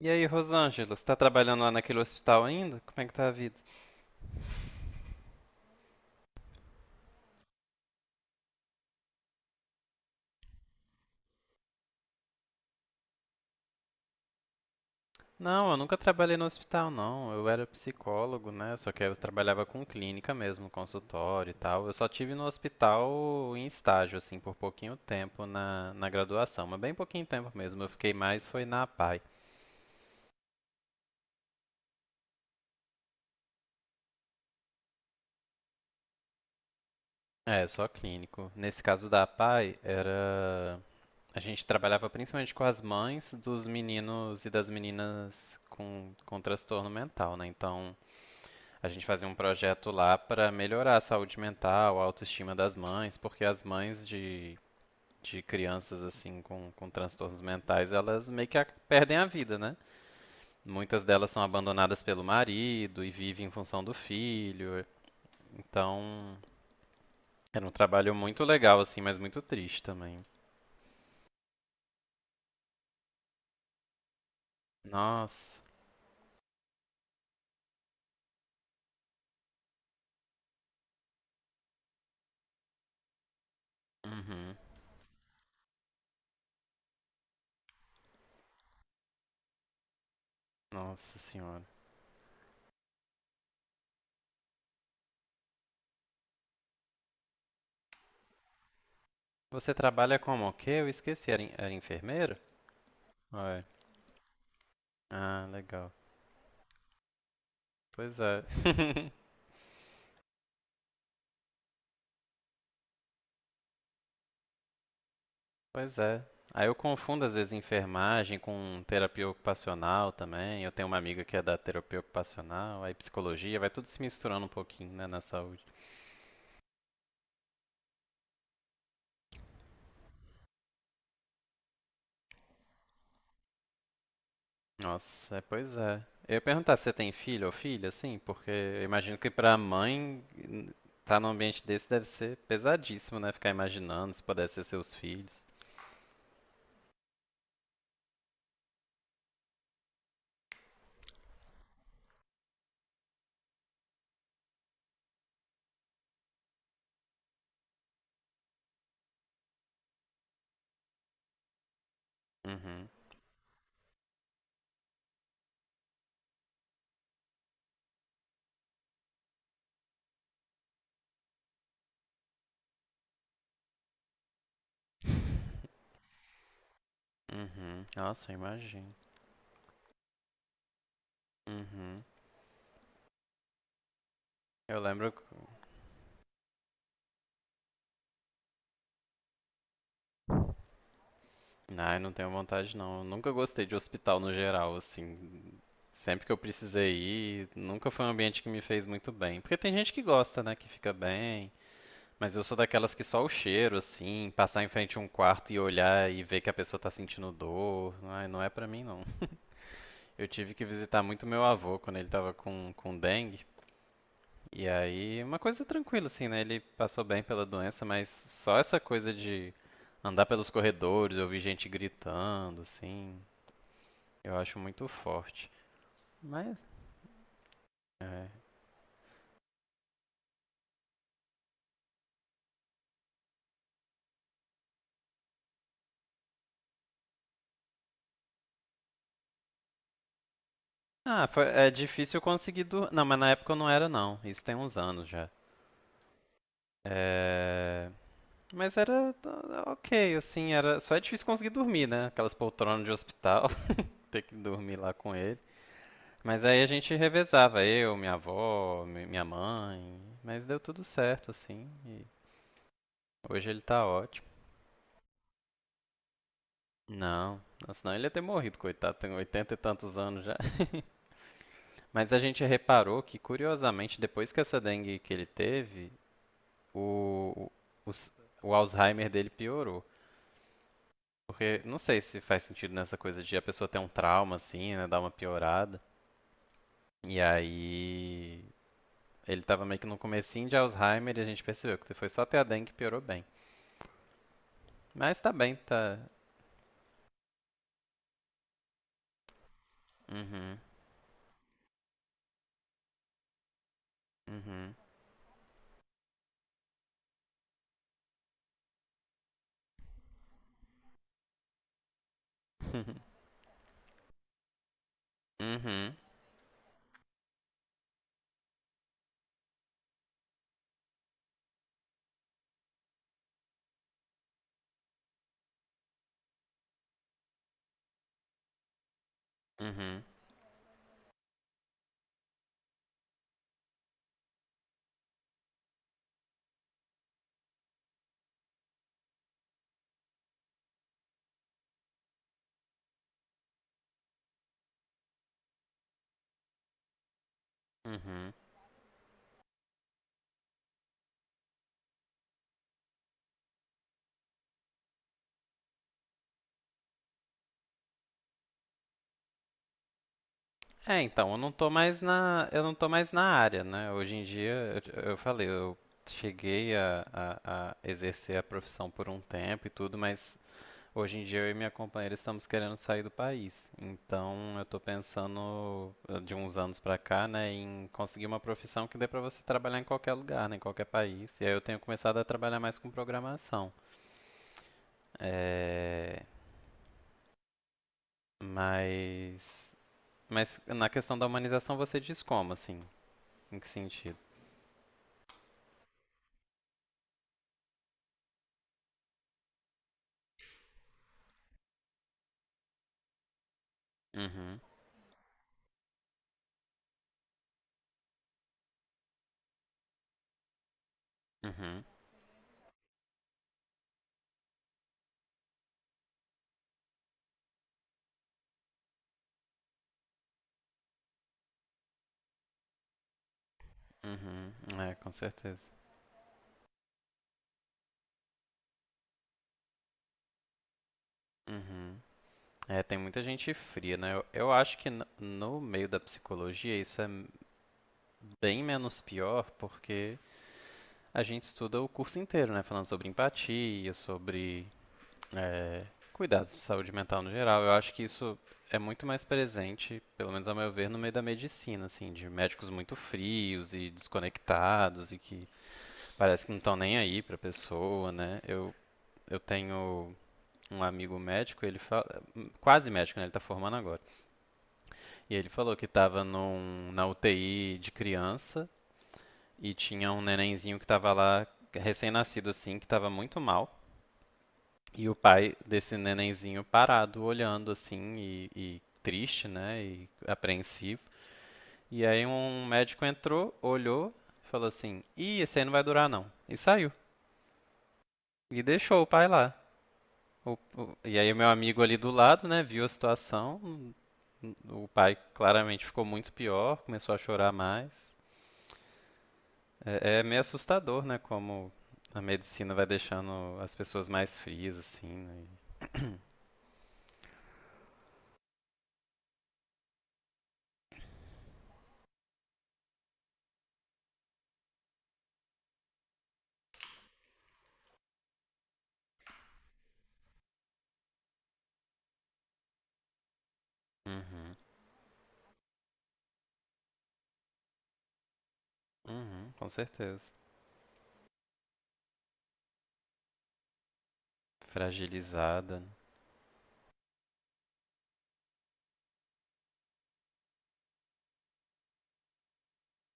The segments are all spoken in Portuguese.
E aí, Rosângela, você tá trabalhando lá naquele hospital ainda? Como é que tá a vida? Não, eu nunca trabalhei no hospital, não. Eu era psicólogo, né? Só que eu trabalhava com clínica mesmo, consultório e tal. Eu só tive no hospital em estágio, assim, por pouquinho tempo na graduação, mas bem pouquinho tempo mesmo. Eu fiquei mais foi na APAE. É, só clínico. Nesse caso da APAE, era. A gente trabalhava principalmente com as mães dos meninos e das meninas com transtorno mental, né? Então. A gente fazia um projeto lá para melhorar a saúde mental, a autoestima das mães, porque as mães de crianças assim com transtornos mentais, elas meio que perdem a vida, né? Muitas delas são abandonadas pelo marido e vivem em função do filho. Então, era um trabalho muito legal assim, mas muito triste também. Nossa. Uhum. Nossa senhora. Você trabalha como o quê? Eu esqueci, era enfermeiro? Ah, é. Ah, legal. Pois é. Pois é. Aí eu confundo às vezes enfermagem com terapia ocupacional também. Eu tenho uma amiga que é da terapia ocupacional, aí psicologia, vai tudo se misturando um pouquinho, né, na saúde. Nossa, é, pois é. Eu ia perguntar se você tem filho ou filha, assim, porque eu imagino que pra mãe tá num ambiente desse deve ser pesadíssimo, né? Ficar imaginando se pudesse ser seus filhos. Uhum. Uhum. Nossa, eu imagino. Uhum. Eu lembro. Ai, não tenho vontade não. Eu nunca gostei de hospital no geral, assim. Sempre que eu precisei ir, nunca foi um ambiente que me fez muito bem. Porque tem gente que gosta, né, que fica bem. Mas eu sou daquelas que só o cheiro, assim, passar em frente a um quarto e olhar e ver que a pessoa tá sentindo dor. Ai, não é pra mim não. Eu tive que visitar muito meu avô quando ele tava com dengue. E aí, uma coisa tranquila, assim, né? Ele passou bem pela doença, mas só essa coisa de andar pelos corredores, ouvir gente gritando, assim. Eu acho muito forte. Mas. É. Ah, é difícil conseguir dormir. Não, mas na época eu não era, não. Isso tem uns anos já. É. Mas era, ah, ok, assim, era. Só é difícil conseguir dormir, né? Aquelas poltronas de hospital, ter que dormir lá com ele. Mas aí a gente revezava, eu, minha avó, minha mãe. Mas deu tudo certo, assim. E hoje ele tá ótimo. Não, senão ele ia ter morrido, coitado, tem 80 e tantos anos já. Mas a gente reparou que, curiosamente, depois que essa dengue que ele teve, o, o, o Alzheimer dele piorou. Porque não sei se faz sentido nessa coisa de a pessoa ter um trauma, assim, né? Dar uma piorada. E aí. Ele tava meio que no comecinho de Alzheimer e a gente percebeu que foi só ter a dengue que piorou bem. Mas tá bem, tá. Uhum, uhum. Uhum, uhum, uhum. Uhum. É, então, eu não tô mais na área, né? Hoje em dia, eu cheguei a exercer a profissão por um tempo e tudo, mas hoje em dia eu e minha companheira estamos querendo sair do país. Então, eu tô pensando, de uns anos pra cá, né, em conseguir uma profissão que dê pra você trabalhar em qualquer lugar, né, em qualquer país. E aí eu tenho começado a trabalhar mais com programação. É, mas, mas na questão da humanização você diz como, assim? Em que sentido? Uhum. Uhum, uhum, é, com certeza. Uhum. É, tem muita gente fria, né? Eu acho que no meio da psicologia isso é bem menos pior, porque a gente estuda o curso inteiro, né? Falando sobre empatia, sobre é, cuidados de saúde mental no geral. Eu acho que isso é muito mais presente, pelo menos ao meu ver, no meio da medicina, assim, de médicos muito frios e desconectados e que parece que não estão nem aí pra pessoa, né? Eu tenho um amigo médico, ele fala, quase médico, né? Ele tá formando agora. E ele falou que tava na UTI de criança e tinha um nenenzinho que estava lá, recém-nascido assim, que estava muito mal. E o pai desse nenenzinho parado, olhando assim e triste, né? E apreensivo. E aí um médico entrou, olhou, falou assim: "Ih, esse aí não vai durar não." E saiu. E deixou o pai lá. E aí o meu amigo ali do lado, né, viu a situação. O pai claramente ficou muito pior, começou a chorar mais. É, meio assustador, né, como a medicina vai deixando as pessoas mais frias, assim, né? Uhum, uhum, com certeza. Fragilizada, né?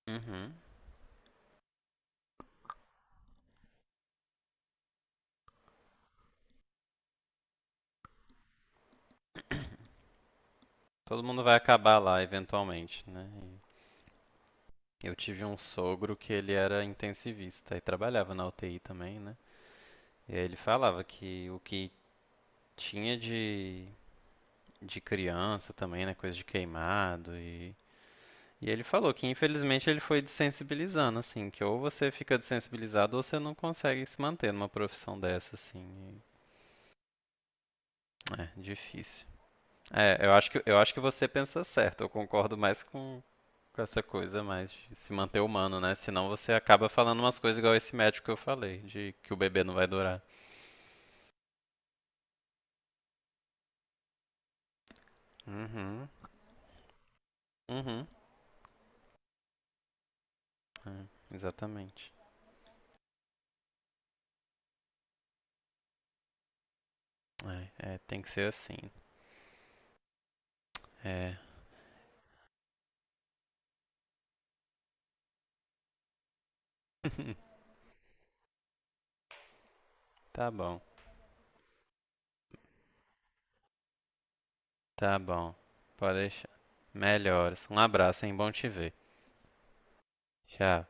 Uhum. Todo mundo vai acabar lá eventualmente, né? E eu tive um sogro que ele era intensivista e trabalhava na UTI também, né? E aí ele falava que o que tinha de criança também, né? Coisa de queimado E ele falou que infelizmente ele foi desensibilizando, assim, que ou você fica desensibilizado ou você não consegue se manter numa profissão dessa, assim. É, difícil. É, eu acho que você pensa certo, eu concordo mais com essa coisa mais de se manter humano, né? Senão você acaba falando umas coisas igual esse médico que eu falei, de que o bebê não vai durar. Uhum, uhum. É, exatamente. É, é, tem que ser assim. É. Tá bom. Tá bom, pode deixar. Melhoras. Um abraço, hein? Bom te ver. Tchau.